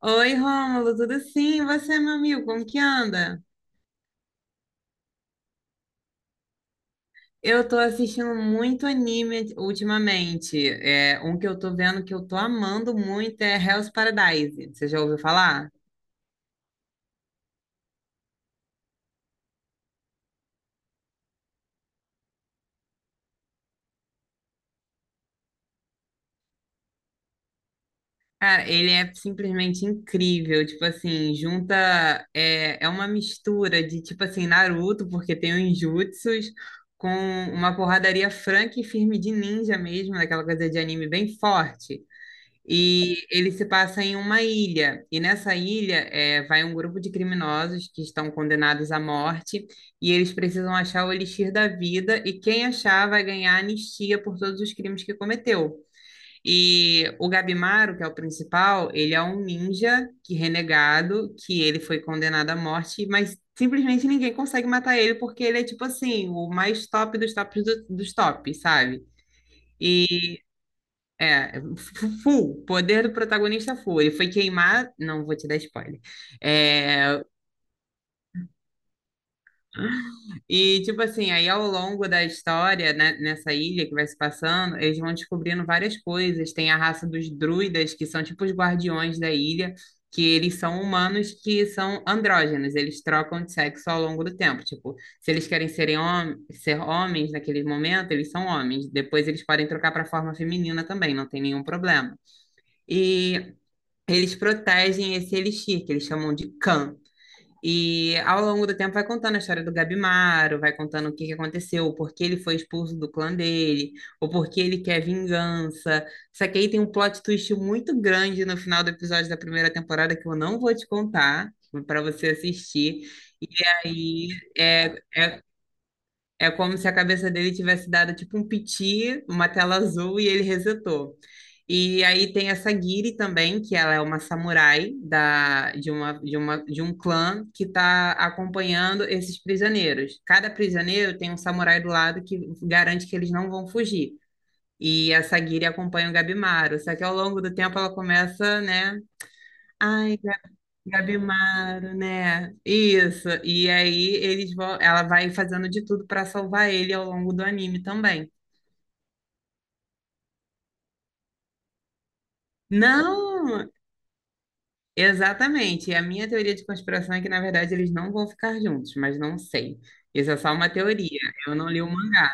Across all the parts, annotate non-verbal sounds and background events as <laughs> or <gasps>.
Oi, Rômulo, tudo sim? E você, meu amigo, como que anda? Eu tô assistindo muito anime ultimamente. É, um que eu tô vendo que eu tô amando muito é Hell's Paradise. Você já ouviu falar? Cara, ele é simplesmente incrível. Tipo assim, junta. É uma mistura de, tipo assim, Naruto, porque tem os jutsus, com uma porradaria franca e firme de ninja mesmo, daquela coisa de anime bem forte. E ele se passa em uma ilha, e nessa ilha vai um grupo de criminosos que estão condenados à morte, e eles precisam achar o elixir da vida, e quem achar vai ganhar anistia por todos os crimes que cometeu. E o Gabimaro, que é o principal, ele é um ninja que renegado, que ele foi condenado à morte, mas simplesmente ninguém consegue matar ele, porque ele é tipo assim, o mais top dos tops dos tops, sabe? É, full, poder do protagonista full. Ele foi queimar, não vou te dar spoiler. É, e tipo assim, aí ao longo da história, né, nessa ilha que vai se passando, eles vão descobrindo várias coisas. Tem a raça dos druidas, que são tipo os guardiões da ilha, que eles são humanos que são andrógenos, eles trocam de sexo ao longo do tempo. Tipo, se eles querem ser homens naquele momento, eles são homens. Depois eles podem trocar para a forma feminina também, não tem nenhum problema. E Eles protegem esse elixir, que eles chamam de Khan. E ao longo do tempo vai contando a história do Gabimaro, vai contando o que que aconteceu, o porquê ele foi expulso do clã dele, o porquê ele quer vingança. Só que aí tem um plot twist muito grande no final do episódio da primeira temporada que eu não vou te contar, para você assistir. E aí é, é, é como se a cabeça dele tivesse dado tipo um piti, uma tela azul e ele resetou. E aí tem essa Giri também, que ela é uma samurai da, de, uma, de, uma, de um clã que está acompanhando esses prisioneiros. Cada prisioneiro tem um samurai do lado que garante que eles não vão fugir. E essa Giri acompanha o Gabimaru. Só que ao longo do tempo ela começa, né? Ai, Ga- Gabimaru, né? Isso. E aí eles vão, ela vai fazendo de tudo para salvar ele ao longo do anime também. Não! Exatamente. E a minha teoria de conspiração é que, na verdade, eles não vão ficar juntos, mas não sei. Isso é só uma teoria. Eu não li o mangá.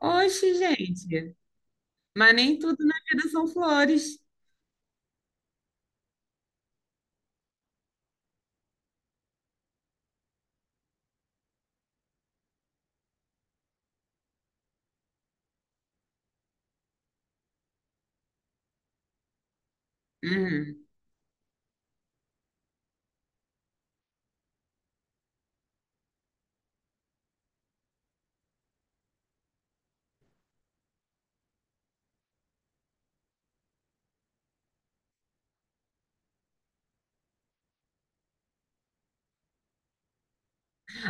Oxe, gente. Mas nem tudo na vida são flores. Uhum.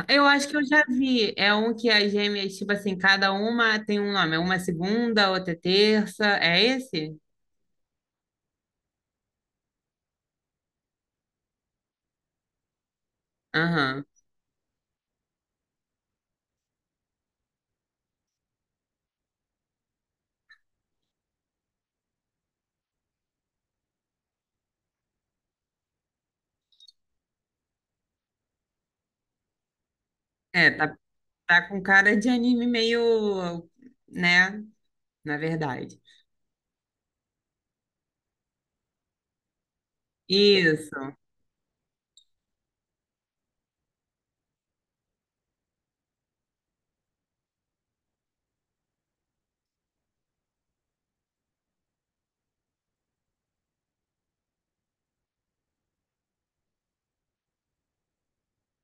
Eu acho que eu já vi. É um que as gêmeas, tipo assim, cada uma tem um nome. Uma é segunda, outra é terça. É esse? Aham. É, tá, tá com cara de anime meio, né? Na verdade. Isso.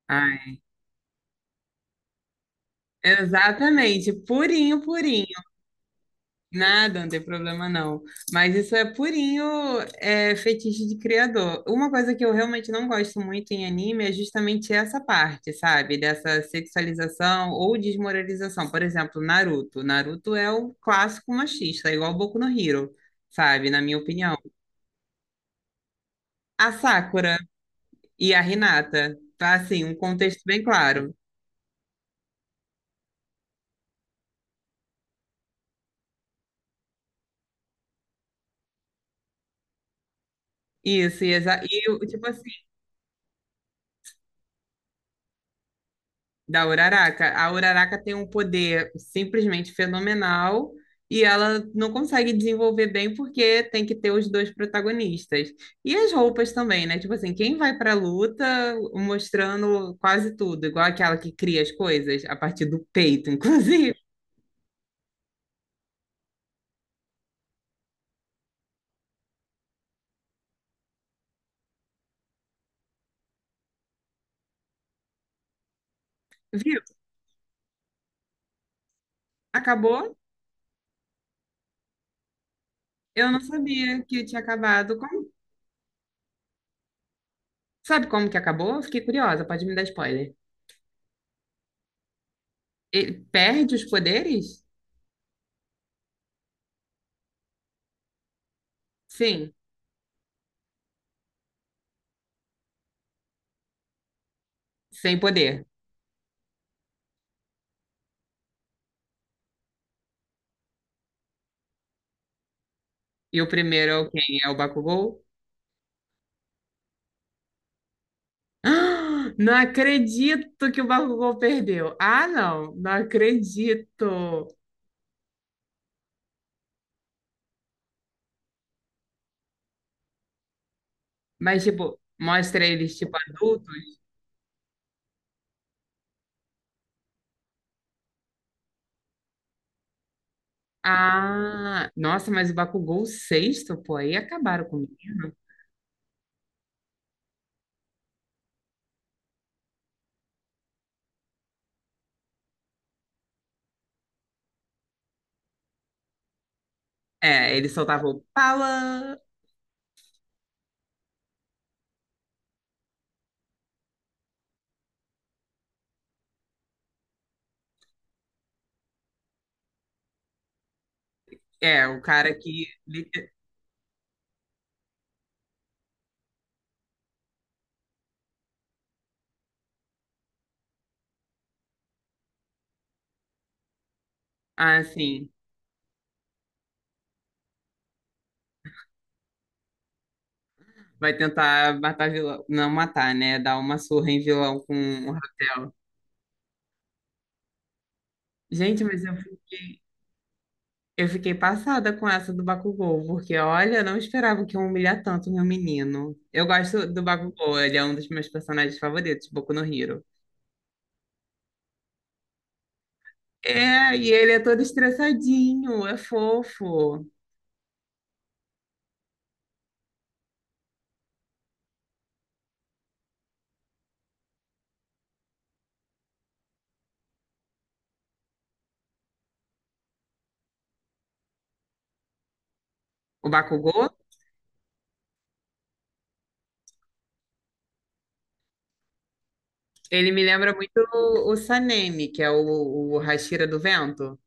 Ai, exatamente. Purinho, purinho. Nada, não tem problema não. Mas isso é purinho é, fetiche de criador. Uma coisa que eu realmente não gosto muito em anime é justamente essa parte, sabe? Dessa sexualização ou desmoralização. Por exemplo, Naruto. Naruto é o clássico machista, é igual Boku no Hero, sabe? Na minha opinião. A Sakura e a Renata tá assim, um contexto bem claro. Isso, e, e eu, tipo assim. Da Uraraka. A Uraraka tem um poder simplesmente fenomenal e ela não consegue desenvolver bem porque tem que ter os dois protagonistas. E as roupas também, né? Tipo assim, quem vai pra luta mostrando quase tudo, igual aquela que cria as coisas a partir do peito, <laughs> inclusive. Viu? Acabou? Eu não sabia que tinha acabado. Como? Sabe como que acabou? Eu fiquei curiosa, pode me dar spoiler. Ele perde os poderes? Sim, sem poder. E o primeiro é o quem? É o Bakugou? <gasps> Ah, não acredito que o Bakugou perdeu. Ah, não, não acredito. Mas, tipo, mostra eles, tipo, adultos. Ah, nossa, mas o Bakugou sexto, pô, aí acabaram com o menino. É, ele soltava o pala. É, o cara que, ah, assim, vai tentar matar vilão. Não matar, né? Dar uma surra em vilão com um rapel. Gente, mas eu fiquei. Eu fiquei passada com essa do Bakugou, porque olha, eu não esperava que ia humilhar tanto meu menino. Eu gosto do Bakugou, ele é um dos meus personagens favoritos, Boku no Hero. É, e ele é todo estressadinho, é fofo. O Bakugou, ele me lembra muito o Sanemi, que é o Hashira do Vento.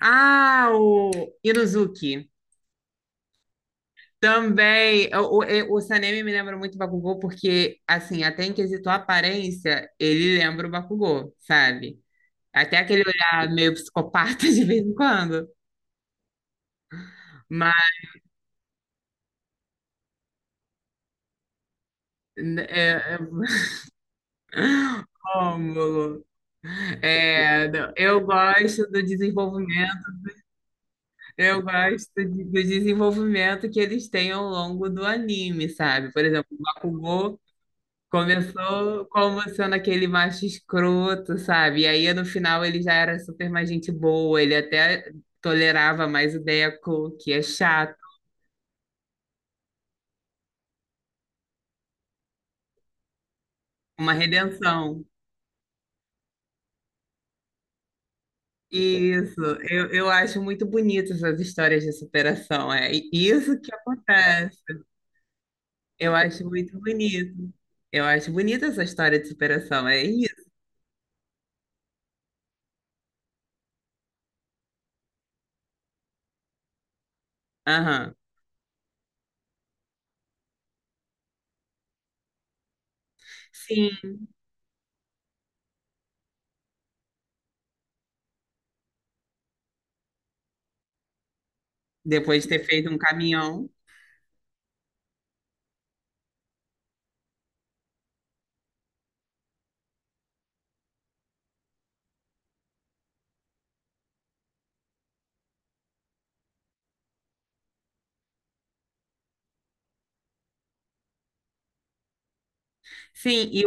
Ah, o Inuzuki. Também, o Sanemi me lembra muito o Bakugou, porque, assim, até em quesito aparência, ele lembra o Bakugou, sabe? Até aquele olhar meio psicopata de vez em quando. Mas, né, Rômulo, é, não, eu gosto do desenvolvimento, eu gosto do desenvolvimento que eles têm ao longo do anime, sabe? Por exemplo, o Bakugou começou como sendo aquele macho escroto, sabe? E aí, no final, ele já era super mais gente boa, ele até tolerava mais o Deco, que é chato, uma redenção. Isso, eu acho muito bonito essas histórias de superação, é isso que acontece. Eu acho muito bonito. Eu acho bonita essa história de superação, é isso. Aham. Sim, depois de ter feito um caminhão. Sim, e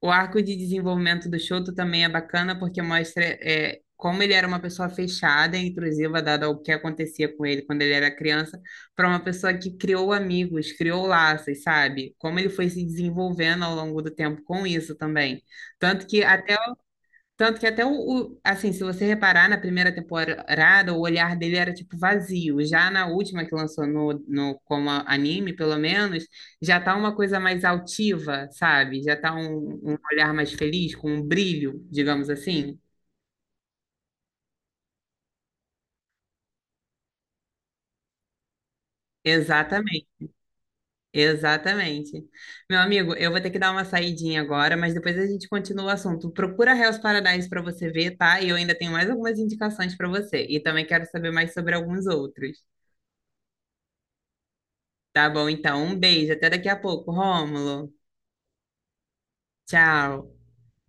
o arco de desenvolvimento do Shoto também é bacana porque mostra é, como ele era uma pessoa fechada e intrusiva, dado o que acontecia com ele quando ele era criança, para uma pessoa que criou amigos, criou laços, sabe? Como ele foi se desenvolvendo ao longo do tempo com isso também. Tanto que até tanto que até assim, se você reparar na primeira temporada, o olhar dele era tipo vazio. Já na última que lançou no anime, pelo menos, já tá uma coisa mais altiva, sabe? Já tá um olhar mais feliz, com um brilho, digamos assim. Exatamente, exatamente. Meu amigo, eu vou ter que dar uma saidinha agora, mas depois a gente continua o assunto. Procura Hell's Paradise para você ver, tá? E eu ainda tenho mais algumas indicações para você. E também quero saber mais sobre alguns outros. Tá bom, então. Um beijo. Até daqui a pouco, Rômulo. Tchau.